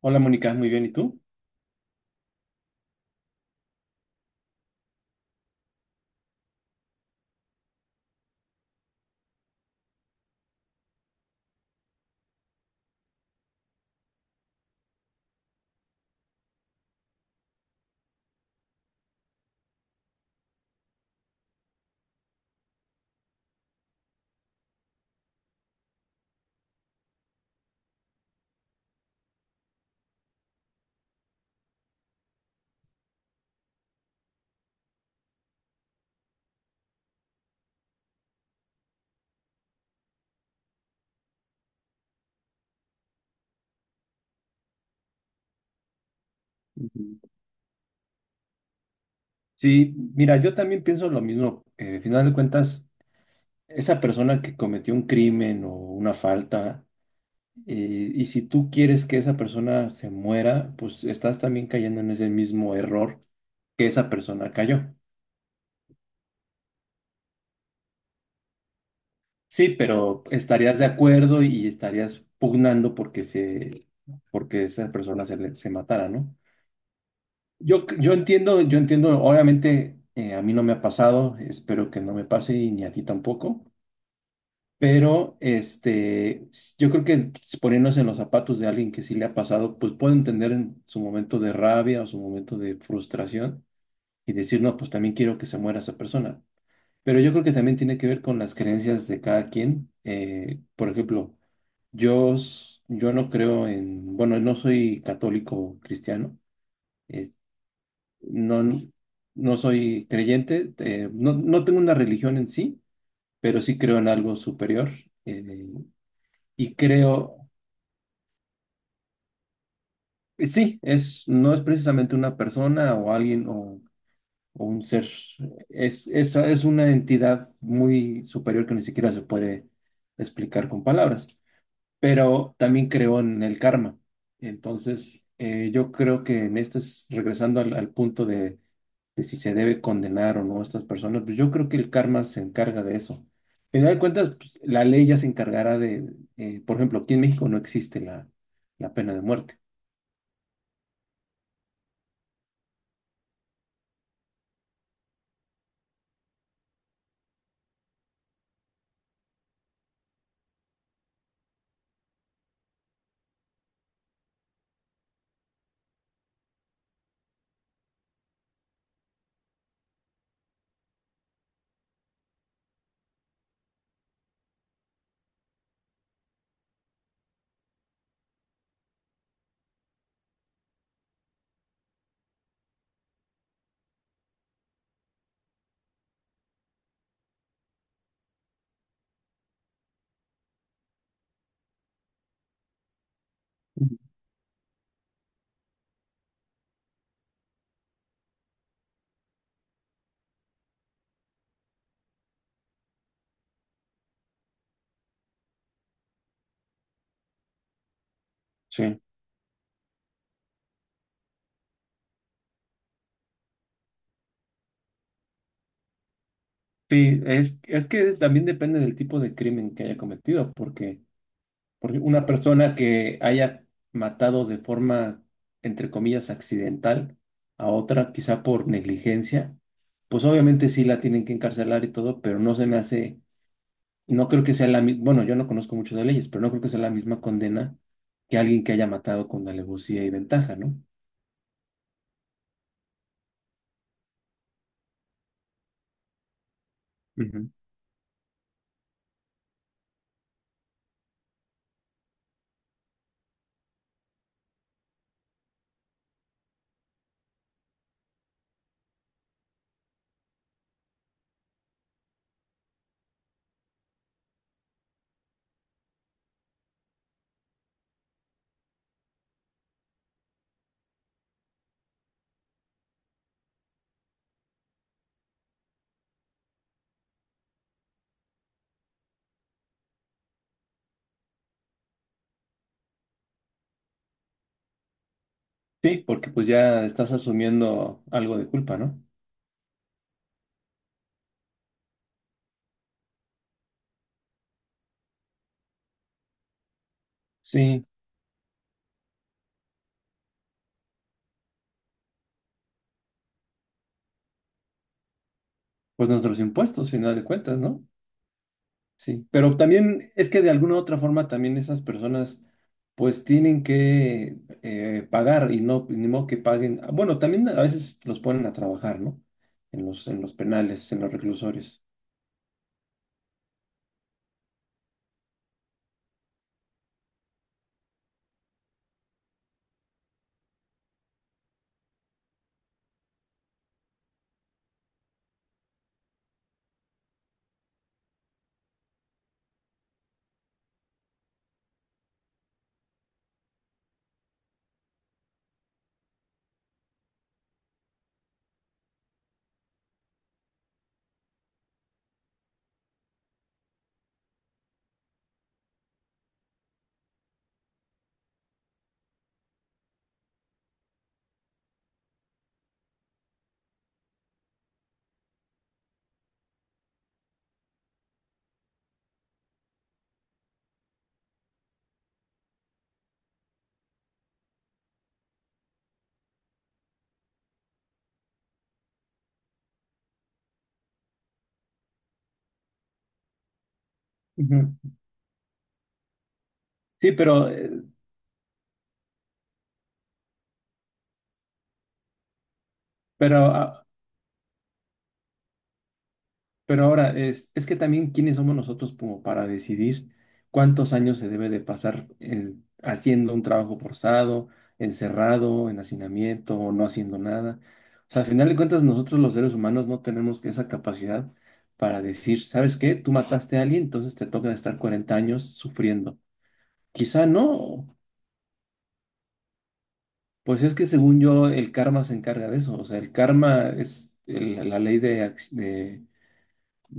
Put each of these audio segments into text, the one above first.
Hola Mónica, muy bien, ¿y tú? Ujú. Sí, mira, yo también pienso lo mismo. Al final de cuentas, esa persona que cometió un crimen o una falta, y si tú quieres que esa persona se muera, pues estás también cayendo en ese mismo error que esa persona cayó. Sí, pero estarías de acuerdo y estarías pugnando porque se, porque esa persona se, se matara, ¿no? Yo entiendo, yo entiendo, obviamente a mí no me ha pasado, espero que no me pase y ni a ti tampoco. Pero este, yo creo que pues, poniéndose en los zapatos de alguien que sí le ha pasado, pues puedo entender en su momento de rabia o su momento de frustración y decir, no, pues también quiero que se muera esa persona. Pero yo creo que también tiene que ver con las creencias de cada quien. Por ejemplo, yo, yo no creo en, bueno, no soy católico cristiano, eh, no, no soy creyente, no, no tengo una religión en sí, pero sí creo en algo superior. eh, y creo Y sí, es, no es precisamente una persona o alguien o un ser. Es una entidad muy superior que ni siquiera se puede explicar con palabras, pero también creo en el karma. Entonces, yo creo que en este, regresando al, al punto de si se debe condenar o no a estas personas, pues yo creo que el karma se encarga de eso. Al final de cuentas, pues, la ley ya se encargará de, por ejemplo, aquí en México no existe la, la pena de muerte. Ujú. Sí. Sí, es que también depende del tipo de crimen que haya cometido, porque, porque una persona que haya matado de forma, entre comillas, accidental a otra, quizá por negligencia, pues obviamente sí la tienen que encarcelar y todo, pero no se me hace, no creo que sea la misma, bueno, yo no conozco mucho de leyes, pero no creo que sea la misma condena que alguien que haya matado con alevosía y ventaja, ¿no? Ujú. Sí, porque pues ya estás asumiendo algo de culpa, ¿no? Sí, pues nuestros impuestos, final de cuentas, ¿no? Sí, pero también es que de alguna u otra forma también esas personas pues tienen que pagar y no, ni modo que paguen. Ah, bueno, también a veces los ponen a trabajar, ¿no? En los penales, en los reclusorios. Ujú. Sí, pero, eh, pero ah, Pero ahora es que también quiénes somos nosotros como para decidir cuántos años se debe de pasar haciendo un trabajo forzado, encerrado, en hacinamiento o no haciendo nada. O sea, al final de cuentas nosotros los seres humanos no tenemos esa capacidad para decir, ¿sabes qué? Tú mataste a alguien, entonces te toca estar 40 años sufriendo. Quizá no, pues es que según yo el karma se encarga de eso. O sea, el karma es la ley de,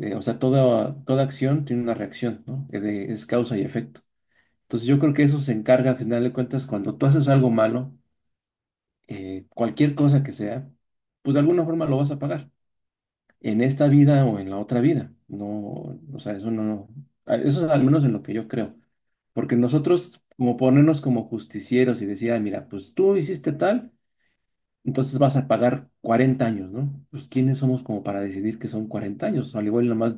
o sea, toda, toda acción tiene una reacción, ¿no? Es causa y efecto. Entonces yo creo que eso se encarga, al final de cuentas, cuando tú haces algo malo, cualquier cosa que sea, pues de alguna forma lo vas a pagar, en esta vida o en la otra vida. No, o sea, eso no, eso es al menos en lo que yo creo. Porque nosotros, como ponernos como justicieros y decir, ah, mira, pues tú hiciste tal, entonces vas a pagar 40 años, ¿no? Pues ¿quiénes somos como para decidir que son 40 años? Al igual nomás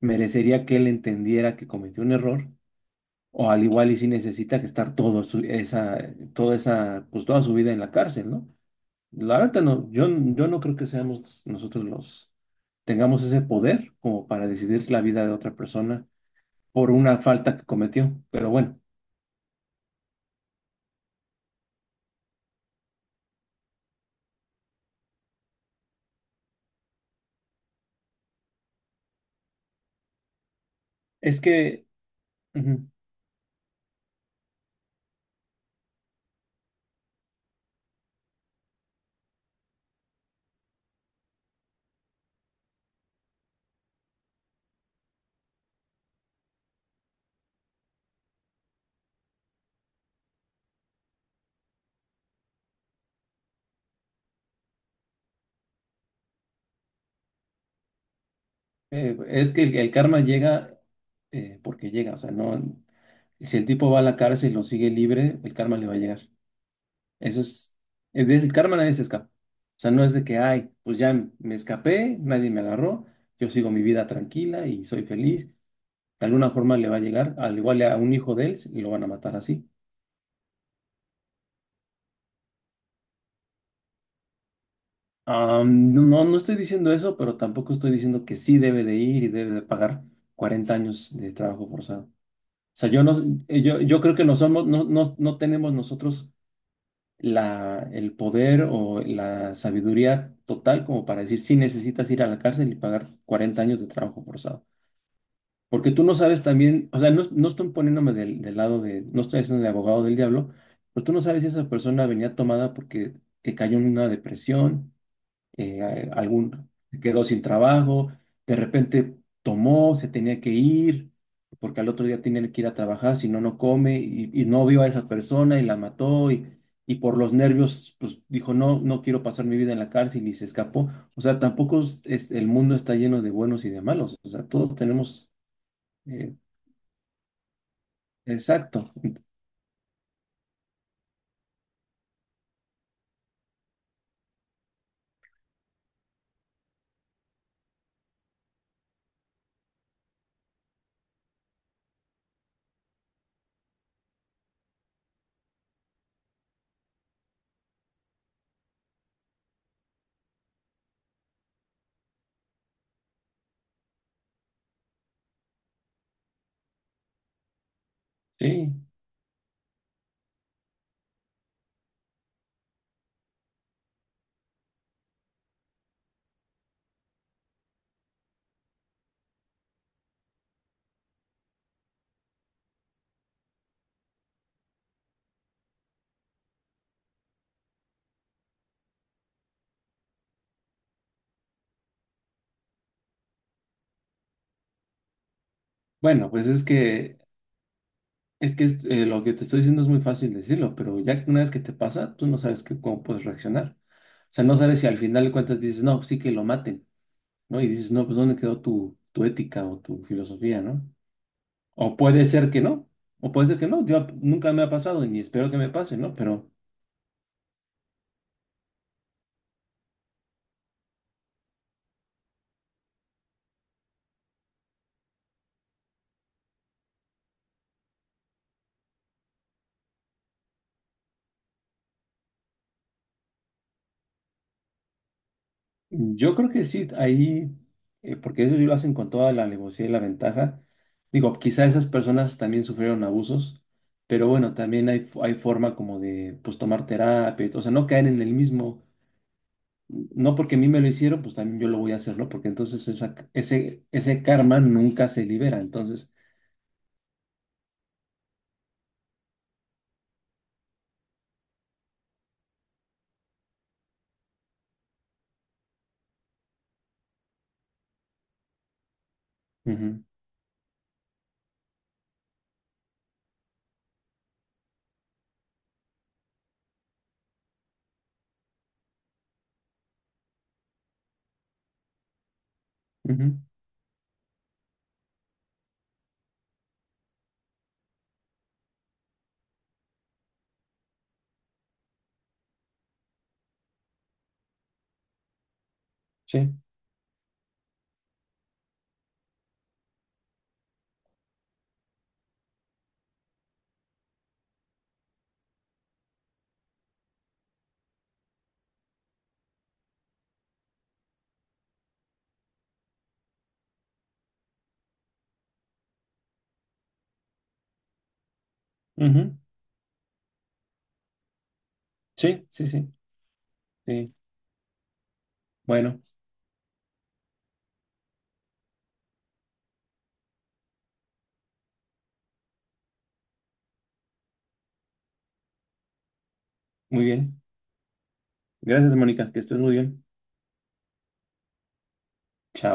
merecería que él entendiera que cometió un error, o al igual y si necesita que estar todo esa, toda esa, pues toda su vida en la cárcel, ¿no? La verdad no, yo no creo que seamos nosotros los, tengamos ese poder como para decidir la vida de otra persona por una falta que cometió. Pero bueno, es que, ujú, es que el karma llega porque llega, o sea, no, si el tipo va a la cárcel y lo sigue libre, el karma le va a llegar. Eso es el karma nadie se escapa. O sea, no es de que, ay, pues ya me escapé, nadie me agarró, yo sigo mi vida tranquila y soy feliz. De alguna forma le va a llegar, al igual a un hijo de él, y lo van a matar así. Ah, no, no no estoy diciendo eso, pero tampoco estoy diciendo que sí debe de ir y debe de pagar 40 años de trabajo forzado. O sea, yo no, yo creo que no somos, no, no, no tenemos nosotros la, el poder o la sabiduría total como para decir si necesitas ir a la cárcel y pagar 40 años de trabajo forzado. Porque tú no sabes también, o sea, no, no estoy poniéndome del, del lado de, no estoy haciendo de abogado del diablo, pero tú no sabes si esa persona venía tomada porque cayó en una depresión, algún se quedó sin trabajo, de repente tomó, se tenía que ir, porque al otro día tenía que ir a trabajar, si no, no come, y no vio a esa persona y la mató, y por los nervios, pues dijo, no, no quiero pasar mi vida en la cárcel y se escapó. O sea, tampoco el mundo está lleno de buenos y de malos, o sea, todos tenemos, eh, exacto, sí. Bueno, pues es que es que es, lo que te estoy diciendo es muy fácil decirlo, pero ya una vez que te pasa, tú no sabes cómo puedes reaccionar. O sea, no sabes si al final de cuentas dices, no, sí que lo maten, ¿no? Y dices, no, pues ¿dónde quedó tu, tu ética o tu filosofía, ¿no? O puede ser que no, o puede ser que no. Yo nunca me ha pasado y ni espero que me pase, ¿no? Pero yo creo que sí, ahí, porque eso sí lo hacen con toda la alevosía y la ventaja. Digo, quizá esas personas también sufrieron abusos, pero bueno, también hay forma como de, pues, tomar terapia, y todo, o sea, no caer en el mismo, no porque a mí me lo hicieron, pues también yo lo voy a hacer, ¿no? Porque entonces esa, ese karma nunca se libera, entonces, ujú, ujú, sí, ujú, sí, sí, sí, sí. Bueno, muy bien. Gracias, Mónica, que estés muy bien. Chao.